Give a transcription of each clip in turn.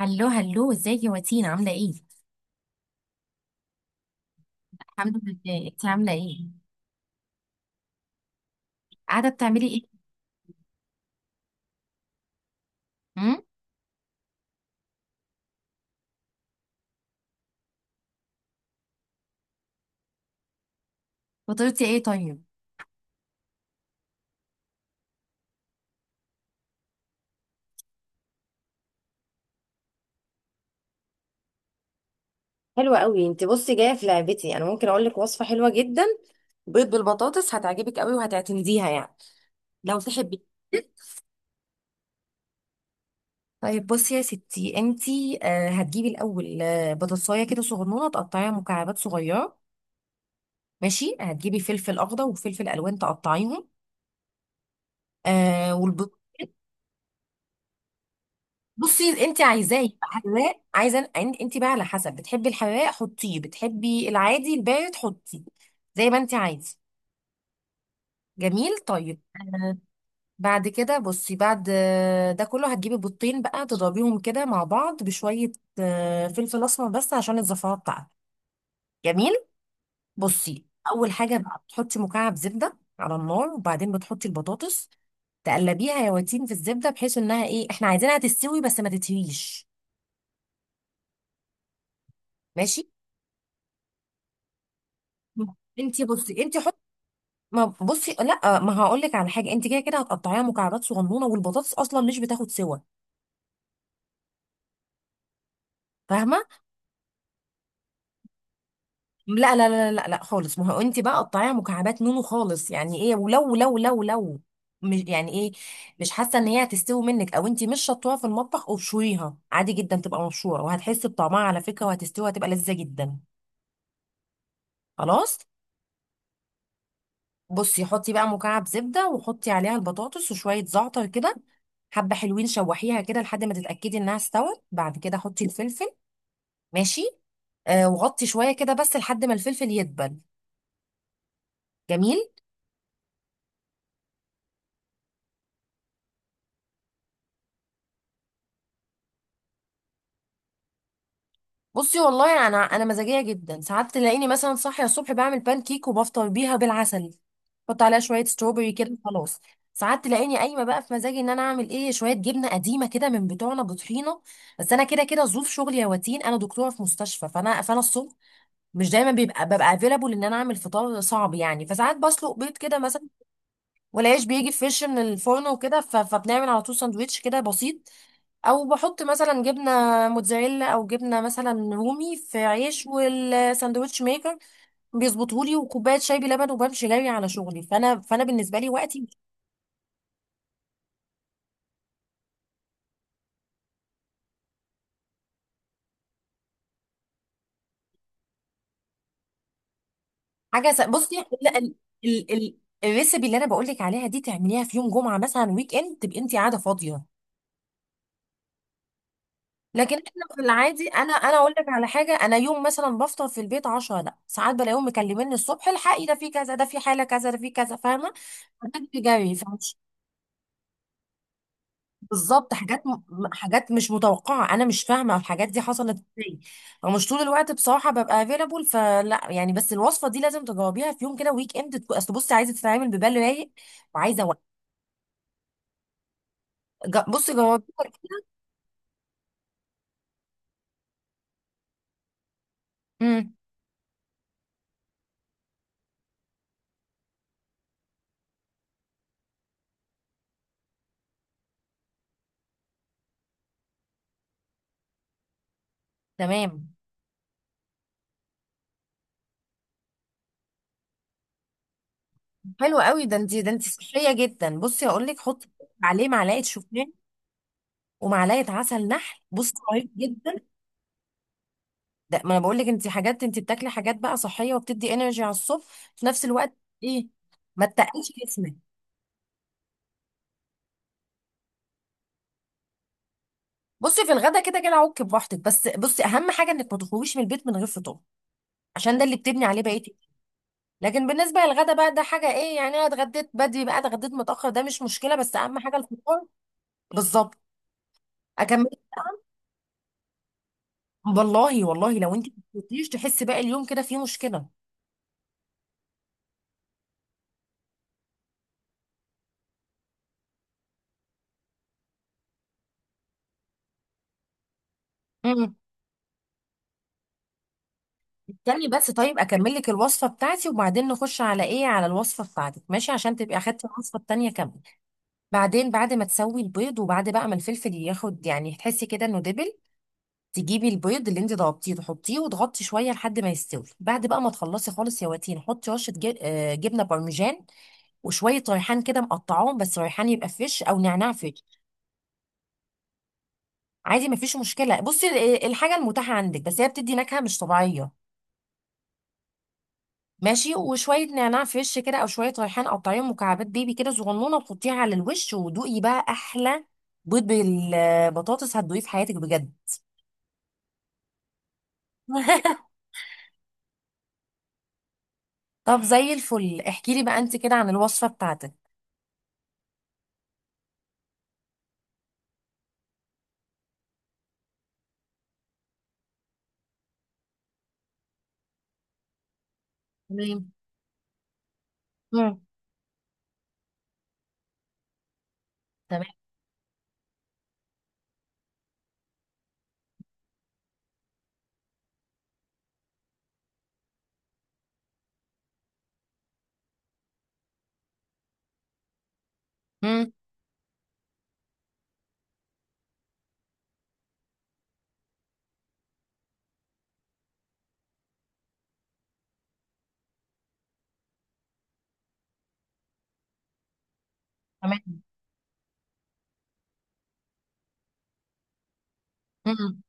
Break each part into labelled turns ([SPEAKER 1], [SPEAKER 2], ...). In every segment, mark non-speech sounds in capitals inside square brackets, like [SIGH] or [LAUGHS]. [SPEAKER 1] هلو هلو، ازيك يا واتين؟ عامله ايه؟ الحمد لله. انت عامله ايه؟ قاعده بتعملي ايه؟ امم فطرتي ايه طيب؟ حلوة قوي. انت بصي، جاية في لعبتي. انا ممكن اقول لك وصفة حلوة جدا، بيض بالبطاطس، هتعجبك قوي وهتعتمديها يعني لو تحبي. طيب بصي يا ستي، انت آه هتجيبي الاول بطاطسايه كده صغنونه تقطعيها مكعبات صغيره. ماشي، هتجيبي فلفل اخضر وفلفل الوان تقطعيهم. آه. بصي، انت عايزاه يبقى حراق؟ عايزه؟ انت بقى على حسب، بتحبي الحراق حطيه، بتحبي العادي البارد حطيه، زي ما انت عايزه. جميل. طيب بعد كده بصي، بعد ده كله هتجيبي بيضتين بقى تضربيهم كده مع بعض بشويه فلفل اسمر بس عشان الزفاره بتاعته. جميل. بصي، اول حاجه بقى بتحطي مكعب زبده على النار، وبعدين بتحطي البطاطس. تقلبيها يا واتين في الزبده، بحيث انها ايه، احنا عايزينها تستوي بس ما تتهريش. ماشي. انتي بصي، ما بصي، لا، ما هقول لك على حاجه. انت كده كده هتقطعيها مكعبات صغنونه، والبطاطس اصلا مش بتاخد سوا، فاهمه؟ لا، خالص، ما هو انت بقى قطعيها مكعبات نونو خالص. يعني ايه، ولو لو لو لو مش يعني ايه، مش حاسه ان هي هتستوي منك، او انت مش شطوها في المطبخ ابشريها عادي جدا، تبقى مبشوره وهتحسي بطعمها على فكره، وهتستوي، هتبقى لذيذه جدا. خلاص. بصي، حطي بقى مكعب زبده وحطي عليها البطاطس وشويه زعتر كده حبه، حلوين شوحيها كده لحد ما تتاكدي انها استوت، بعد كده حطي الفلفل. ماشي. آه، وغطي شويه كده بس لحد ما الفلفل يدبل. جميل. بصي، والله انا مزاجيه جدا، ساعات تلاقيني مثلا صاحيه الصبح بعمل بان كيك وبفطر بيها بالعسل، بحط عليها شويه ستروبري كده خلاص. ساعات تلاقيني قايمه بقى في مزاجي ان انا اعمل ايه، شويه جبنه قديمه كده من بتوعنا بطحينه. بس انا كده كده ظروف شغلي يا واتين، انا دكتوره في مستشفى، فانا الصبح مش دايما بيبقى ببقى افيلابل ان انا اعمل فطار صعب يعني، فساعات بسلق بيض كده مثلا، والعيش بيجي فريش من الفرن وكده، فبنعمل على طول ساندوتش كده بسيط، او بحط مثلا جبنه موتزاريلا او جبنه مثلا رومي في عيش، والساندوتش ميكر بيظبطهولي، وكوبايه شاي بلبن، وبمشي جري على شغلي. فانا بالنسبه لي وقتي مش بصي، لا ال... ال... الريسبي اللي انا بقول لك عليها دي تعمليها في يوم جمعه مثلا، ويك اند، تبقي انت قاعده فاضيه. لكن احنا في العادي، انا اقول لك على حاجه، انا يوم مثلا بفطر في البيت، 10 لا ساعات بلاقيهم مكلميني الصبح، الحقي ده في كذا، ده في حاله كذا، ده في كذا، فاهمه؟ بجري. بالظبط، حاجات مش متوقعه، انا مش فاهمه الحاجات دي حصلت ازاي. فمش طول الوقت بصراحه ببقى افيلابل فلا يعني. بس الوصفه دي لازم تجاوبيها في يوم كده ويك اند، اصل بصي، عايزه تتعامل ببال رايق وعايزه وقت. بصي جاوبيها. امم تمام. حلو قوي، ده انت صحيه جدا. بصي هقول لك، حطي عليه معلقه شوفان ومعلقه عسل نحل، بصي رهيب جدا، ده ما انا بقول لك، انت حاجات انت بتاكلي حاجات بقى صحيه وبتدي انرجي على الصبح في نفس الوقت. ايه، ما تتقلش جسمك. بصي، في الغدا كده كده عك براحتك، بس بصي اهم حاجه انك ما تخرجيش من البيت من غير فطار، عشان ده اللي بتبني عليه بقيتك. لكن بالنسبه للغدا بقى ده حاجه ايه يعني، انا اتغديت بدري بقى، اتغديت متاخر، ده مش مشكله، بس اهم حاجه الفطار. بالظبط. اكمل. والله والله، لو انت ما فطرتيش تحسي باقي اليوم كده فيه مشكله. امم استني بس، طيب اكمل لك الوصفه بتاعتي، وبعدين نخش على ايه، على الوصفه بتاعتك، ماشي؟ عشان تبقي اخدتي الوصفه التانيه كامله. بعدين، بعد ما تسوي البيض، وبعد بقى ما الفلفل ياخد يعني، تحسي كده انه دبل، تجيبي البيض اللي انت ضربتيه تحطيه وتغطي شويه لحد ما يستوي. بعد بقى ما تخلصي خالص يا واتين، حطي رشه جب... آه، جبنه بارميجان وشويه ريحان كده مقطعاهم، بس ريحان يبقى فريش او نعناع فريش. عادي، مفيش مشكله. بصي، الحاجه المتاحه عندك، بس هي بتدي نكهه مش طبيعيه. ماشي، وشويه نعناع فريش كده او شويه ريحان، قطعيهم مكعبات بيبي كده صغنونه وتحطيها على الوش، ودوقي بقى احلى بيض بالبطاطس هتدوقيه في حياتك بجد. [LAUGHS] طب زي الفل، احكي لي بقى انت كده عن الوصفه بتاعتك. تمام. تمام. امم تمام. امم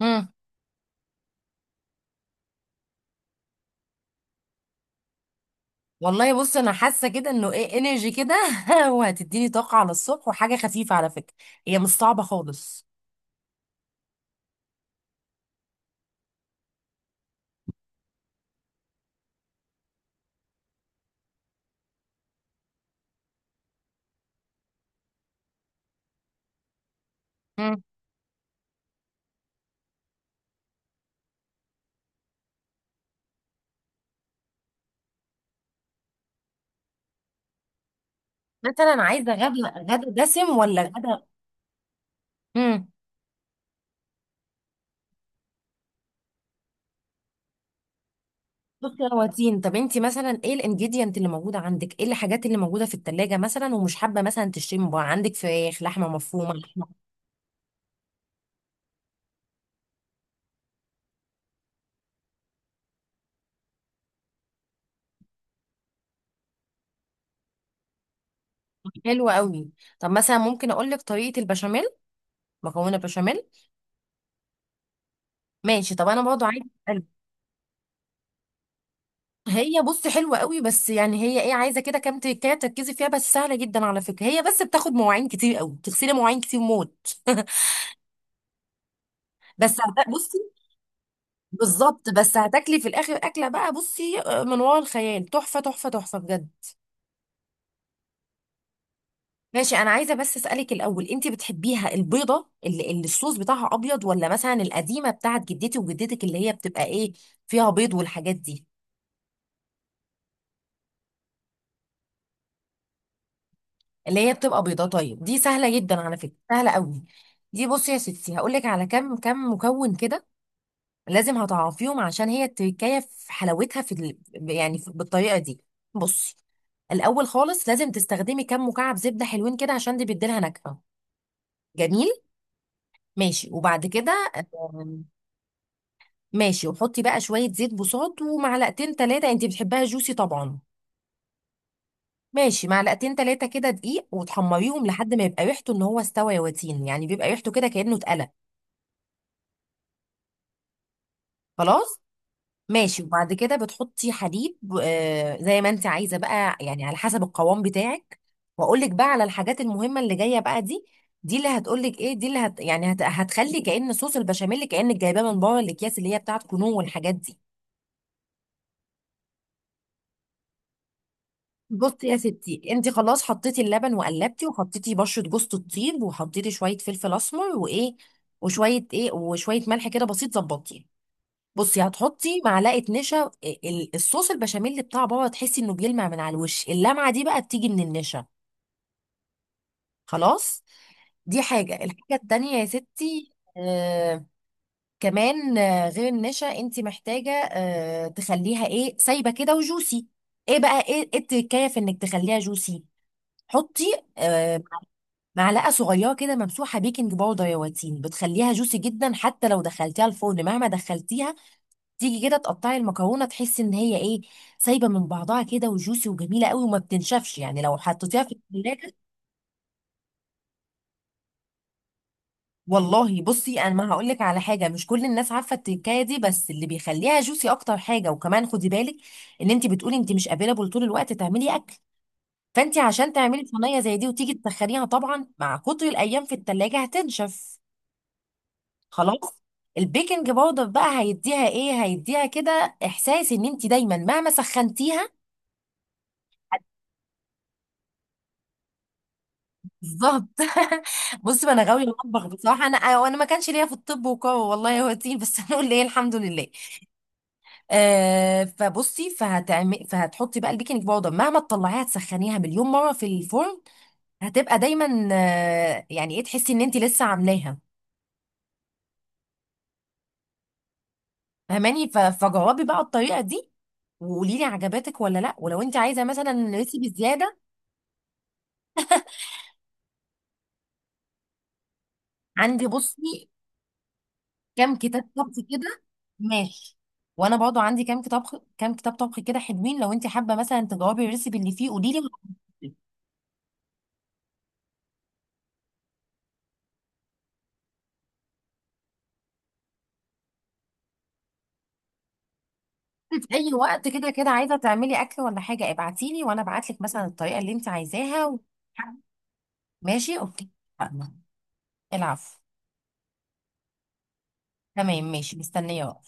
[SPEAKER 1] امم والله بص، انا حاسه كده انه ايه، انرجي كده. [LAUGHS] وهتديني طاقه على الصبح، وحاجه خفيفه على فكره، هي مش صعبه خالص. امم مثلا عايزه غدا، غدا دسم ولا غدا؟ امم بصي يا واتين، طب انت مثلا ايه الانجيديانت اللي موجوده عندك، ايه الحاجات اللي موجوده في التلاجة مثلا، ومش حابه مثلا تشتري من بره؟ عندك فراخ؟ لحمه مفرومه؟ لحمه؟ حلوه قوي. طب مثلا ممكن اقول لك طريقه البشاميل، مكونه بشاميل. ماشي، طب انا برضه عايزه. هي بص حلوة قوي، بس يعني هي ايه، عايزة كده كام تكاية تركزي فيها، بس سهلة جدا على فكرة، هي بس بتاخد مواعين كتير قوي، تغسلي مواعين كتير موت. بس بصي، بالظبط، بس هتاكلي في الاخر اكلة بقى بصي من ورا الخيال، تحفة تحفة تحفة بجد. ماشي، انا عايزة بس اسألك الاول، انت بتحبيها البيضة اللي الصوص بتاعها ابيض، ولا مثلا القديمة بتاعت جدتي وجدتك اللي هي بتبقى ايه فيها بيض والحاجات دي؟ اللي هي بتبقى بيضة؟ طيب دي سهلة جدا على فكرة، سهلة قوي. دي بصي يا ستي، هقول لك على كام مكون كده لازم هتعرفيهم، عشان هي التركايه في حلاوتها في ال... يعني في... بالطريقه دي. بصي، الاول خالص لازم تستخدمي كام مكعب زبده حلوين كده، عشان دي بتديلها نكهه جميل. ماشي، وبعد كده، آم، ماشي، وحطي بقى شويه زيت بوصات ومعلقتين ثلاثه، انت بتحبها جوسي طبعا. ماشي، معلقتين ثلاثه كده دقيق، وتحمريهم لحد ما يبقى ريحته ان هو استوى يا واتين، يعني بيبقى ريحته كده كانه اتقلى، خلاص. ماشي، وبعد كده بتحطي حليب، آه زي ما انت عايزه بقى، يعني على حسب القوام بتاعك. واقول لك بقى على الحاجات المهمه اللي جايه بقى دي، دي اللي هتقول لك ايه، دي اللي هت يعني هت هتخلي كأن صوص البشاميل كأنك جايباه من بره الاكياس اللي هي بتاعت كنو والحاجات دي. بصي يا ستي، انت خلاص حطيتي اللبن وقلبتي، وحطيتي بشره جوز الطيب، وحطيتي شويه فلفل اسمر، وايه، وشويه ايه، وشويه ملح كده بسيط ظبطيه. بصي، هتحطي معلقه نشا. الصوص البشاميل بتاع بابا تحسي انه بيلمع من على الوش، اللمعه دي بقى بتيجي من النشا، خلاص. دي الحاجه التانية يا ستي. آه، كمان آه غير النشا، انت محتاجه آه تخليها ايه، سايبه كده وجوسي. ايه بقى ايه إيه التكايه في انك تخليها جوسي؟ حطي آه معلقه صغيره كده ممسوحه بيكنج باودر يا واتين، بتخليها جوسي جدا، حتى لو دخلتيها الفرن، مهما دخلتيها تيجي كده تقطعي المكرونه تحسي ان هي ايه، سايبه من بعضها كده وجوسي وجميله قوي، وما بتنشفش يعني لو حطيتيها في الثلاجه. والله بصي، انا ما هقول لك على حاجه، مش كل الناس عارفه التكايه دي، بس اللي بيخليها جوسي اكتر حاجه. وكمان خدي بالك، ان انت بتقولي انت مش قابله طول الوقت تعملي اكل، فانت عشان تعملي صينيه زي دي وتيجي تسخنيها، طبعا مع كتر الايام في الثلاجه هتنشف، خلاص. البيكنج باودر بقى هيديها ايه، هيديها كده احساس ان انت دايما مهما سخنتيها. بالظبط. [LAUGHS] بص، ما انا غاويه المطبخ بصراحه انا، وانا ما كانش ليا في الطب، والله هو تين بس. [LAUGHS] هنقول ايه، الحمد لله. آه، فبصي، فهتحطي بقى البيكنج باودر، مهما تطلعيها تسخنيها مليون مره في الفرن هتبقى دايما آه يعني ايه، تحسي ان انت لسه عاملاها، فهماني؟ فجربي بقى الطريقه دي، وقولي لي عجبتك ولا لا. ولو انت عايزه مثلا ريسيبي زياده، عندي بصي كام كتاب طبخ كده. ماشي، وانا برضو عندي كام كتاب، طبخ كده حلوين، لو انت حابه مثلا تجاوبي الريسيبي اللي فيه قولي لي. [LAUGHS] في اي وقت كده كده عايزه تعملي اكل ولا حاجه، ابعتي لي وانا ابعت لك مثلا الطريقه اللي انت عايزاها ماشي، اوكي. اتفقنا. العفو. تمام، ماشي، مستنيه بقى.